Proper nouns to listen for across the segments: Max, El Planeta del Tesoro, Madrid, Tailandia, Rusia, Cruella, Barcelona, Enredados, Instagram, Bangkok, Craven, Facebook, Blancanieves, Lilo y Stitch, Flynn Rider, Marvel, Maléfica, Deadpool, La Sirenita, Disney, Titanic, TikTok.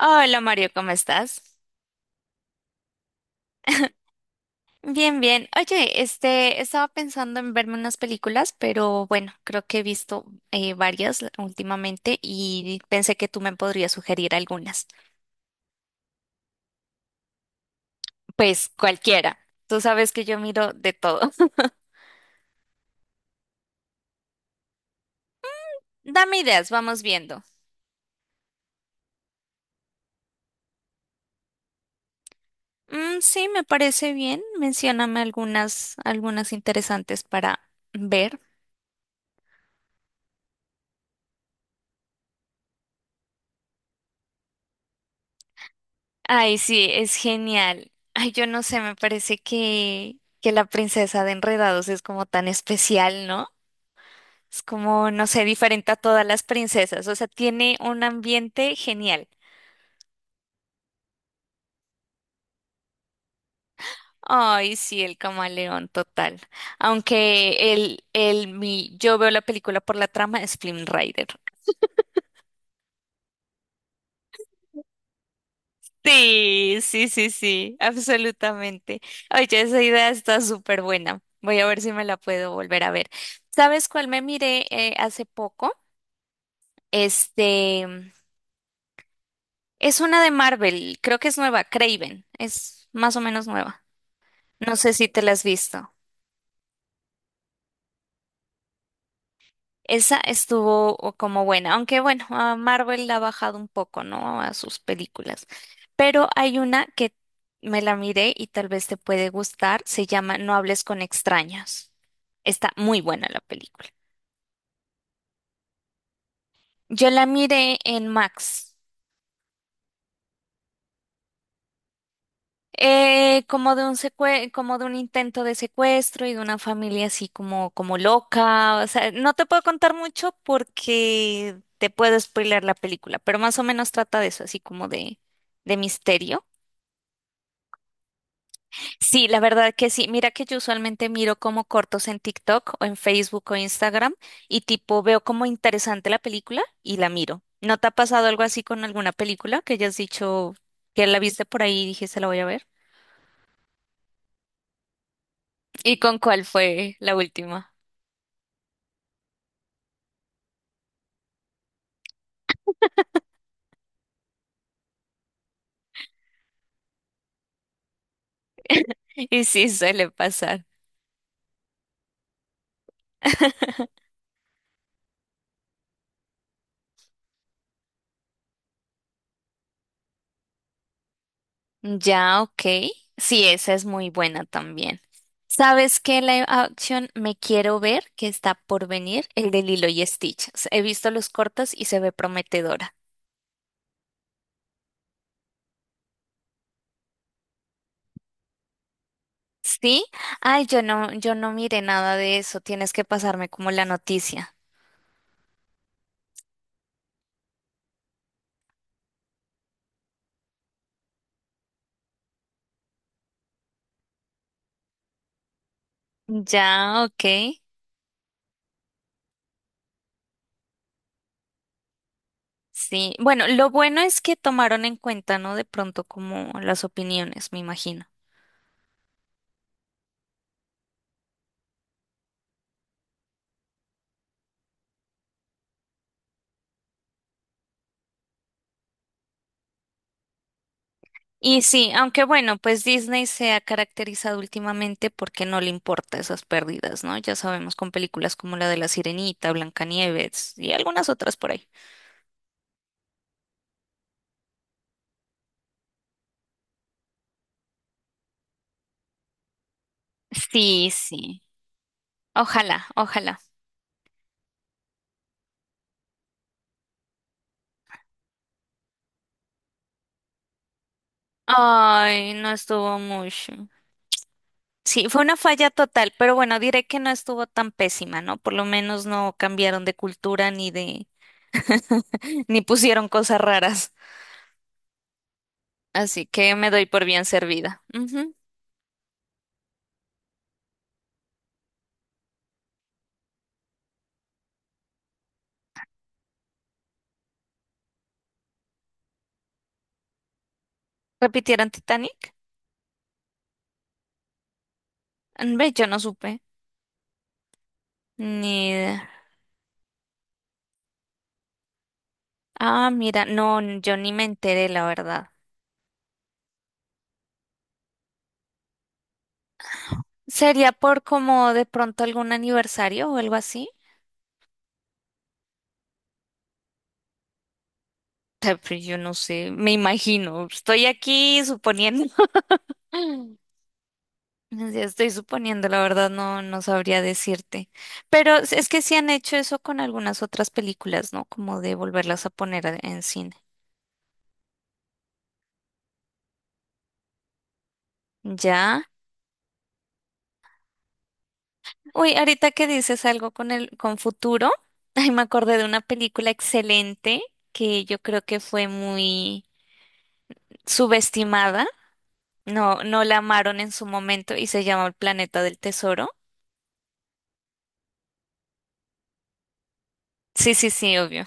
Hola Mario, ¿cómo estás? Bien, bien. Oye, estaba pensando en verme unas películas, pero bueno, creo que he visto varias últimamente y pensé que tú me podrías sugerir algunas. Pues cualquiera. Tú sabes que yo miro de todo. Dame ideas, vamos viendo. Mm, sí, me parece bien. Mencióname algunas, algunas interesantes para ver. Ay, sí, es genial. Ay, yo no sé, me parece que la princesa de Enredados es como tan especial, ¿no? Es como, no sé, diferente a todas las princesas. O sea, tiene un ambiente genial. Ay, sí, el camaleón total. Aunque yo veo la película por la trama, es Flynn Rider. Sí, sí, sí, sí, absolutamente. Oye, esa idea está súper buena. Voy a ver si me la puedo volver a ver. ¿Sabes cuál me miré hace poco? Este, es una de Marvel, creo que es nueva, Craven, es más o menos nueva. No sé si te la has visto. Esa estuvo como buena, aunque bueno, a Marvel la ha bajado un poco, ¿no? A sus películas. Pero hay una que me la miré y tal vez te puede gustar, se llama No hables con extraños. Está muy buena la película. Yo la miré en Max. Como de un como de un intento de secuestro y de una familia así como, como loca. O sea, no te puedo contar mucho porque te puedo spoiler la película, pero más o menos trata de eso, así como de misterio. Sí, la verdad que sí. Mira que yo usualmente miro como cortos en TikTok o en Facebook o Instagram y tipo veo como interesante la película y la miro. ¿No te ha pasado algo así con alguna película que hayas dicho que la viste por ahí y dijiste la voy a ver? ¿Y con cuál fue la última? Y sí, suele pasar. Ya, ok. Sí, esa es muy buena también. ¿Sabes qué live action me quiero ver que está por venir? El de Lilo y Stitch. He visto los cortos y se ve prometedora. ¿Sí? Ay, yo no, yo no miré nada de eso. Tienes que pasarme como la noticia. Ya, ok. Sí. Bueno, lo bueno es que tomaron en cuenta, ¿no? De pronto como las opiniones, me imagino. Y sí, aunque bueno, pues Disney se ha caracterizado últimamente porque no le importa esas pérdidas, ¿no? Ya sabemos con películas como la de La Sirenita, Blancanieves y algunas otras por ahí. Sí, sí. Ojalá, ojalá. Ay, no estuvo mucho. Sí, fue una falla total, pero bueno, diré que no estuvo tan pésima, ¿no? Por lo menos no cambiaron de cultura ni de, ni pusieron cosas raras. Así que me doy por bien servida. Ujú. ¿Repitieron Titanic? Mm, ve, yo no supe. Ni idea. Ah, mira, no, yo ni me enteré, la verdad. ¿Sería por como de pronto algún aniversario o algo así? Ah, pues yo no sé, me imagino. Estoy aquí suponiendo. ya estoy suponiendo, la verdad, no, no sabría decirte. Pero es que sí han hecho eso con algunas otras películas, ¿no? Como de volverlas a poner en cine. Ya. Uy, ahorita que dices algo con el, con futuro, ay, me acordé de una película excelente que yo creo que fue muy subestimada, no, no la amaron en su momento y se llama El Planeta del Tesoro. Sí, sí, sí, obvio.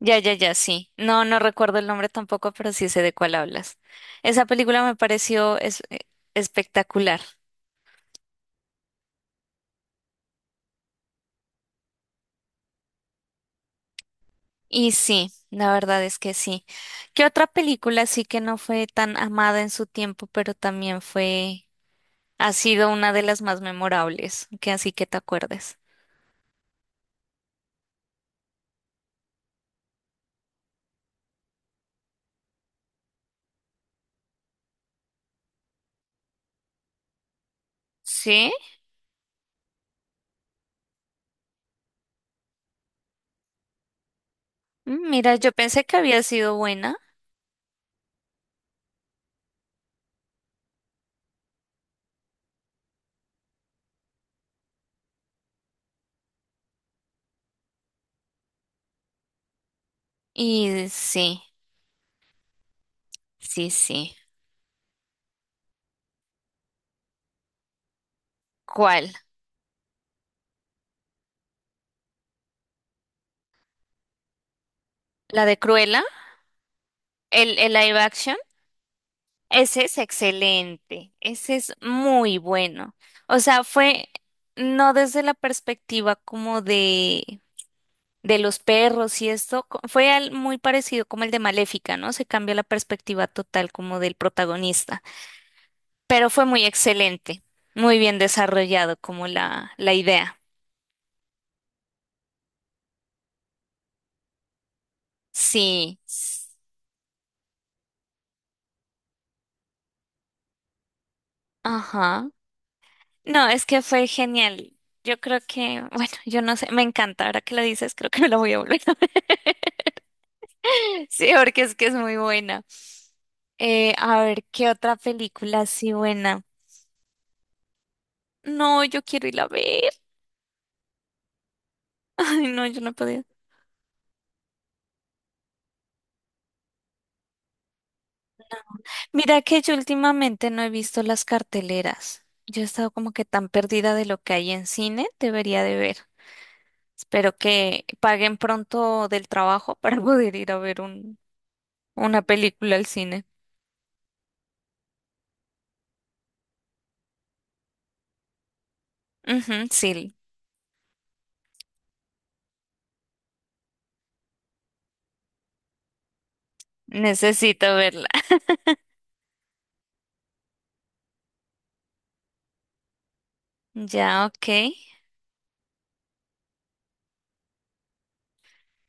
Ya, ya, ya, sí. No, no recuerdo el nombre tampoco, pero sí sé de cuál hablas. Esa película me pareció espectacular. Y sí, la verdad es que sí. ¿Qué otra película sí que no fue tan amada en su tiempo, pero también fue, ha sido una de las más memorables, que así que te acuerdes? Sí, mm, mira, yo pensé que había sido buena y sí. Sí, sí. ¿Cuál? ¿La de Cruella? El live action? Ese es excelente. Ese es muy bueno. O sea, fue no desde la perspectiva como de los perros y esto. Fue muy parecido como el de Maléfica, ¿no? Se cambia la perspectiva total como del protagonista. Pero fue muy excelente. Muy bien desarrollado como la idea. Sí. s- Ajá. No, es que fue genial. Yo creo que, bueno, yo no sé, me encanta. Ahora que lo dices, creo que me la voy a volver a ver. Sí, porque es que es muy buena. A ver, ¿qué otra película así buena? No, yo quiero ir a ver. Ay, no, yo no he podido. Mira que yo últimamente no he visto las carteleras. Yo he estado como que tan perdida de lo que hay en cine, debería de ver. Espero que paguen pronto del trabajo para poder ir a ver un, una película al cine. Ujú, sí, necesito verla. Ya, ok.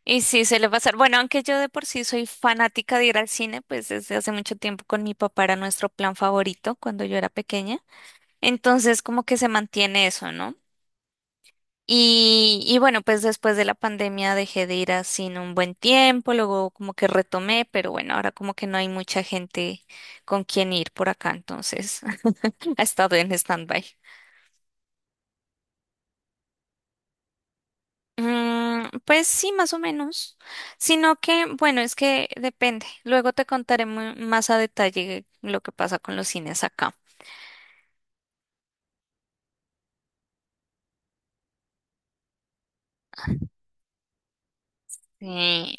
Y sí, se le pasar. Bueno, aunque yo de por sí soy fanática de ir al cine, pues desde hace mucho tiempo con mi papá era nuestro plan favorito cuando yo era pequeña. Entonces, como que se mantiene eso, ¿no? Y bueno, pues después de la pandemia dejé de ir al cine un buen tiempo, luego como que retomé, pero bueno, ahora como que no hay mucha gente con quien ir por acá, entonces ha estado en stand-by. Mm, pues sí, más o menos. Sino que, bueno, es que depende. Luego te contaré más a detalle lo que pasa con los cines acá. Sí,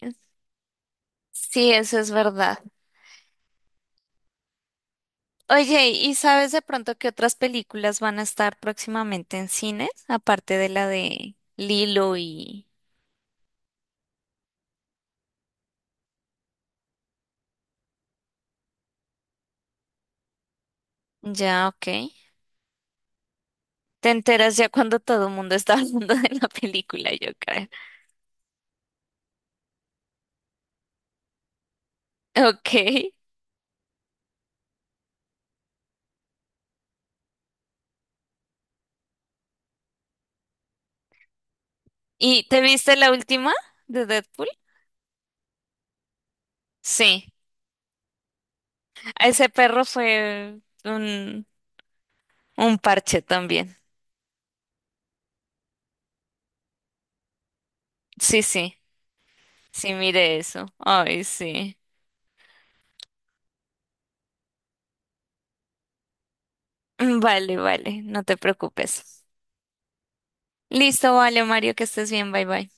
sí, eso es verdad. Oye, ¿y sabes de pronto qué otras películas van a estar próximamente en cines? Aparte de la de Lilo y... Ya, ok. Te enteras ya cuando todo el mundo está hablando de la película, yo creo. Ok. ¿Y te viste la última de Deadpool? Sí. Ese perro fue un parche también. Sí, sí, sí, mire eso. Ay, sí. Vale, vale, no te preocupes. Listo, vale, Mario, que estés bien, bye bye.